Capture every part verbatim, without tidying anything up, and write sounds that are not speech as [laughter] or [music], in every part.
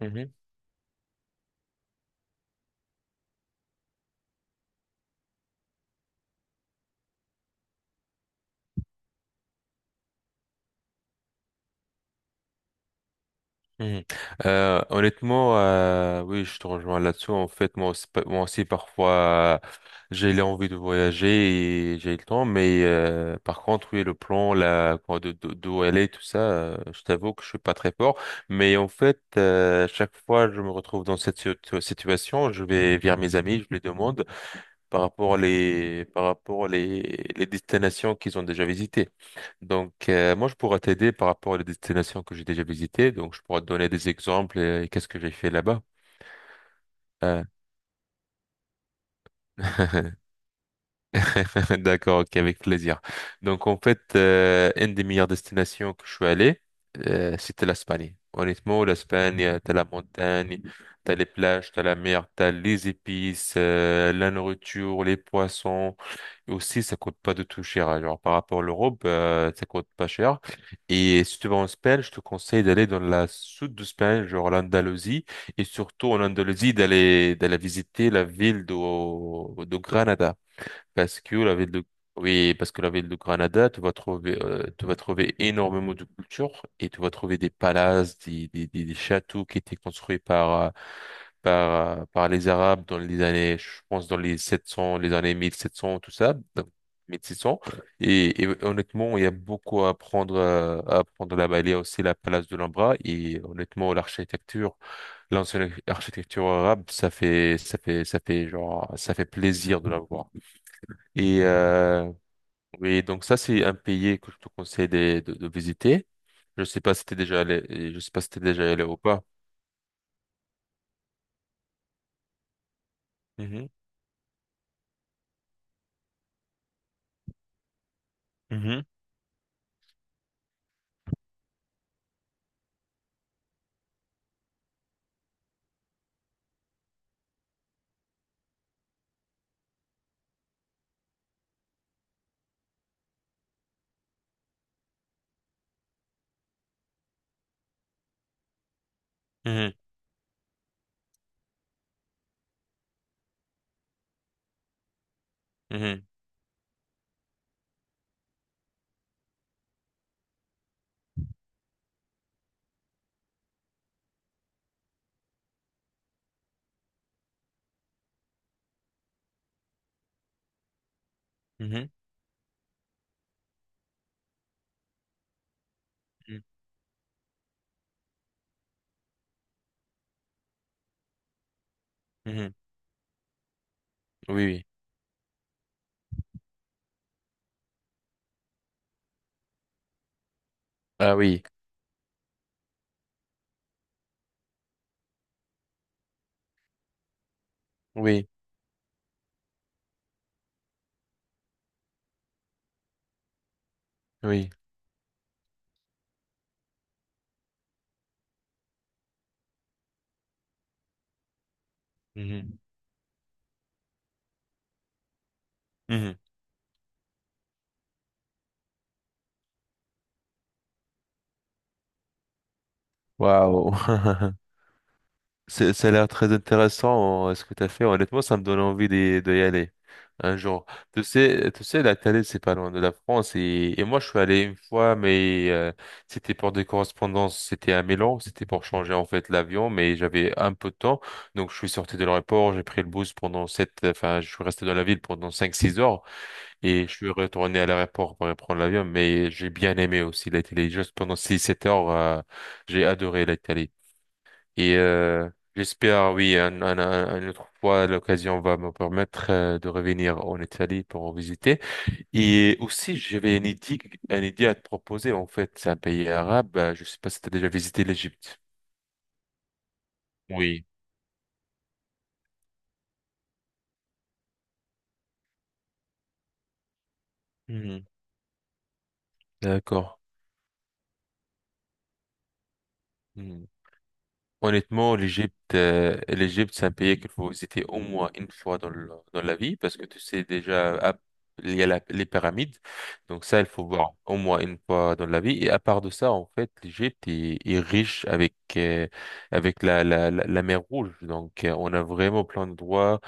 Mhm, mhm. Euh, honnêtement, euh, oui, je te rejoins là-dessus. En fait, moi aussi, pa- moi aussi parfois, euh, j'ai l'envie de voyager et j'ai le temps, mais euh, par contre, oui, le plan, là, quoi, de, de, d'où aller, tout ça, euh, je t'avoue que je suis pas très fort. Mais en fait, euh, chaque fois, je me retrouve dans cette situ- situation, je vais vers mes amis, je les demande. par rapport à les, par rapport à les, les destinations qu'ils ont déjà visitées. Donc, euh, moi, je pourrais t'aider par rapport à les destinations que j'ai déjà visitées. Donc, je pourrais te donner des exemples euh, et, qu'est-ce que j'ai fait là-bas. Euh, [laughs] d'accord, ok, avec plaisir. Donc, en fait, euh, une des meilleures destinations que je suis allé, euh, c'était l'Espagne. Honnêtement, l'Espagne, euh, t'as la montagne, t'as les plages, t'as la mer, t'as les épices, euh, la nourriture, les poissons. Aussi, ça coûte pas du tout cher. Hein. Genre, par rapport à l'Europe, euh, ça coûte pas cher. Et si tu vas en Espagne, je te conseille d'aller dans la sud de l'Espagne, genre l'Andalousie, et surtout en Andalousie, d'aller, d'aller visiter la ville de, de Granada. Parce que la ville de Oui, parce que la ville de Granada, tu vas trouver, euh, tu vas trouver énormément de culture et tu vas trouver des palaces, des, des, des, des châteaux qui étaient construits par, euh, par, euh, par les Arabes dans les années, je pense, dans les sept cents les années mille sept cents tout ça, donc mille six cents. Et, et honnêtement, il y a beaucoup à apprendre, euh, à apprendre là-bas. Il y a aussi la place de l'Ambra et honnêtement, l'architecture, l'ancienne architecture arabe, ça fait, ça fait, ça fait genre, ça fait plaisir de la voir. Et euh, oui, donc ça c'est un pays que je te conseille de, de, de visiter. Je sais pas si t'es déjà allé, et je sais pas si t'es déjà allé ou pas. Mhm, mhm, mhm, mhm, mhm, mhm, mhm. Oui, oui. Ah oui, oui, oui. Mhm, mhm. Waouh. [laughs] C'est- Ça a l'air très intéressant, euh, ce que tu as fait. Honnêtement, ça me donne envie d'y d'y aller un jour. Tu sais, tu sais, la Thaïlande, c'est pas loin de la France. Et, et moi, je suis allé une fois, mais euh, c'était pour des correspondances. C'était à Milan. C'était pour changer, en fait, l'avion. Mais j'avais un peu de temps. Donc, je suis sorti de l'aéroport. J'ai pris le bus pendant sept, enfin, je suis resté dans la ville pendant cinq, six heures. Et je suis retourné à l'aéroport pour reprendre l'avion. Mais j'ai bien aimé aussi l'Italie. Juste pendant six, sept heures, euh, j'ai adoré l'Italie. Et euh, j'espère, oui, un- un- un- une autre fois, l'occasion va me permettre euh, de revenir en Italie pour en visiter. Et aussi, j'avais une idée, une idée à te proposer. En fait, c'est un pays arabe. Euh, Je sais pas si tu as déjà visité l'Égypte. Oui. Mhm. D'accord. Honnêtement, l'Égypte, euh, l'Égypte, c'est un pays qu'il faut visiter au moins une fois dans, le- dans la vie parce que tu sais déjà, à- il y a la- les pyramides. Donc ça, il faut voir au moins une fois dans la vie. Et à part de ça, en fait, l'Égypte est, est riche avec, euh, avec la, la, la, la mer Rouge. Donc euh, on a vraiment plein d'endroits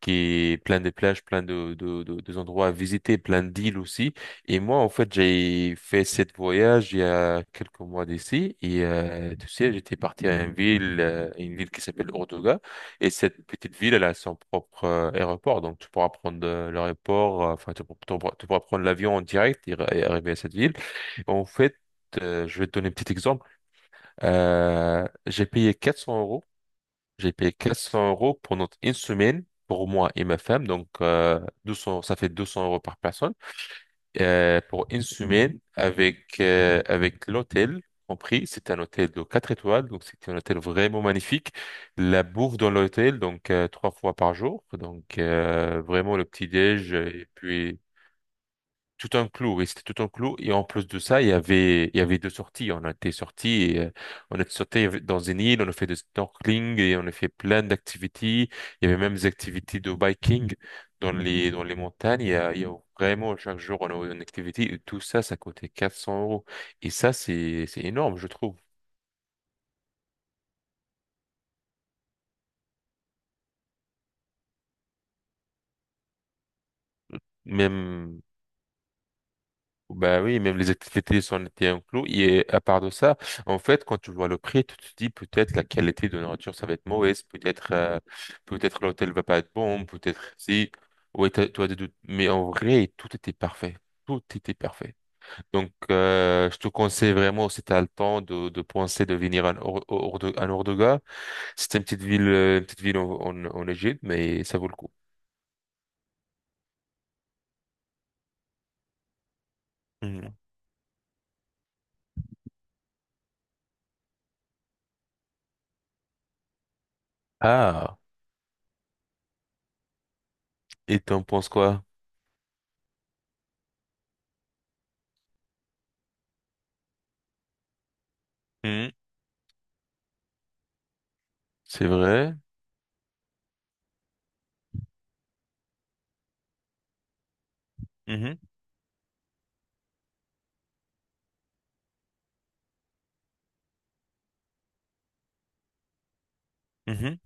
qui est plein de plages, plein de, de, de, des endroits à visiter, plein d'îles aussi. Et moi, en fait, j'ai fait cette voyage il y a quelques mois d'ici. Et euh, tu sais, j'étais parti à une ville, euh, une ville qui s'appelle Ordoga. Et cette petite ville, elle a son propre euh, aéroport. Donc, tu pourras prendre euh, l'aéroport, euh, enfin, tu, pour- tu pourras tu pourras prendre l'avion en direct et r- et arriver à cette ville. En fait, euh, je vais te donner un petit exemple. Euh, j'ai payé quatre cents euros, j'ai payé quatre cents euros pendant une semaine pour moi et ma femme. Donc, euh, deux cents, ça fait deux cents euros par personne. Euh, pour une semaine avec, euh, avec l'hôtel compris. C'est un hôtel de quatre étoiles. Donc, c'était un hôtel vraiment magnifique. La bouffe dans l'hôtel, donc, euh, trois fois par jour. Donc, euh, vraiment le petit-déj euh, et puis tout un clou, oui, c'était tout un clou. Et en plus de ça, il y avait, il y avait deux sorties. On a été sortis, et, euh, on a sauté dans une île, on a fait du snorkeling et on a fait plein d'activités. Il y avait même des activités de biking dans les, dans les montagnes. Il y a, il y a vraiment chaque jour, on a une activité. Et tout ça, ça coûtait quatre cents euros. Et ça, c'est, c'est énorme, je trouve. Même Bah oui, même les activités sont été incluses. Et à part de ça, en fait, quand tu vois le prix, tu te dis peut-être la qualité de nourriture, ça va être mauvaise, peut-être euh, peut-être l'hôtel va pas être bon, peut-être si. Ouais, t'as- tu as des doutes. Mais en vrai, tout était parfait. Tout était parfait. Donc, euh, je te conseille vraiment, si tu as le temps, de, de penser de venir à Or- Or- Ordo- à Ordoga. C'est une petite ville, euh, une petite ville en, en, en Égypte, mais ça vaut le coup. Mhm. Ah, et t'en penses quoi? Mhm. C'est vrai? Mhm. Mhm.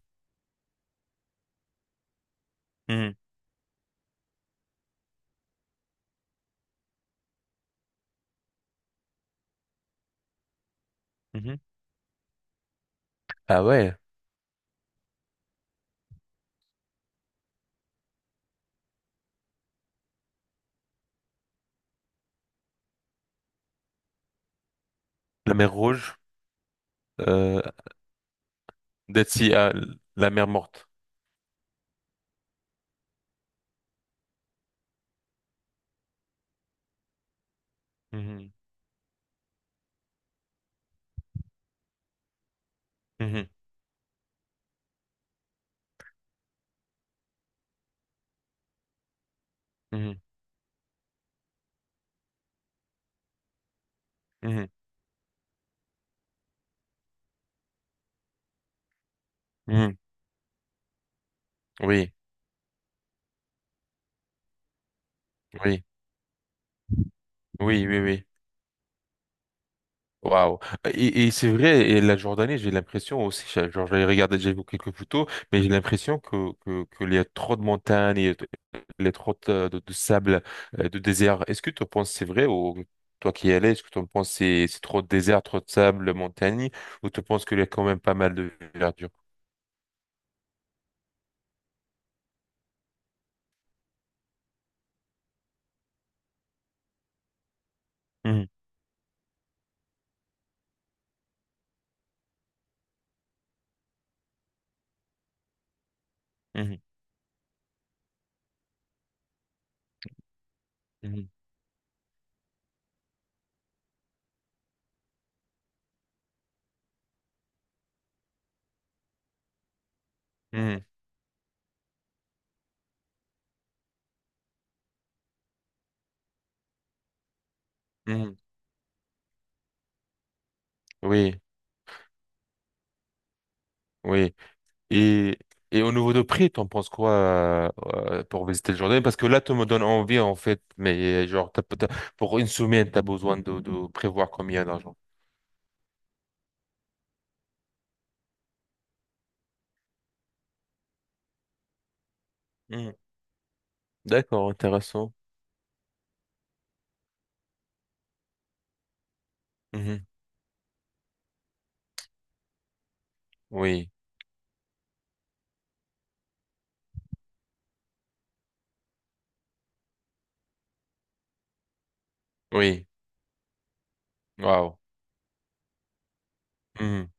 Mhm, mhm. Ah ouais, la mer Rouge, euh, Dead Sea, ah, la mer Morte. Mhm, mhm, mhm, mhm, mhm. Oui, oui, oui, oui, oui. Waouh. Et, et c'est vrai, et la Jordanie, j'ai l'impression aussi, j'ai- genre j'ai regardé, j'ai vu quelques photos, mais j'ai l'impression que, que, que il y a trop de montagnes, et y il y a trop de, de- de sable, euh, de désert. Est-ce que tu penses que c'est vrai ou toi qui y allais, est-ce que tu penses que c'est c'est trop de désert, trop de sable, montagne, ou tu penses qu'il y a quand même pas mal de verdure? Mhm, mhm, mhm, mhm. Oui, oui. Et, et au niveau de prix, t'en penses quoi euh, euh, pour visiter le Jordanie. Parce que là, tu me donnes envie, en fait, mais euh, genre, t'as- t'as- pour une semaine, tu as besoin de, de prévoir combien d'argent. Mhm. D'accord, intéressant. Mhm. Oui, oui. Waouh. Mhm,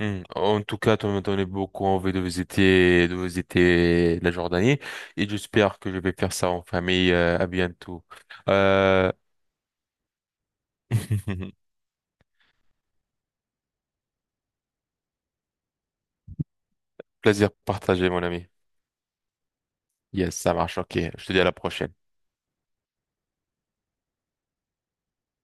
mhm. En tout cas, tu me donnes beaucoup envie de visiter, de visiter la Jordanie et j'espère que je vais faire ça en famille. Euh, à bientôt. Euh... [laughs] Plaisir partagé, mon ami. Yes, ça marche. Ok, je te dis à la prochaine.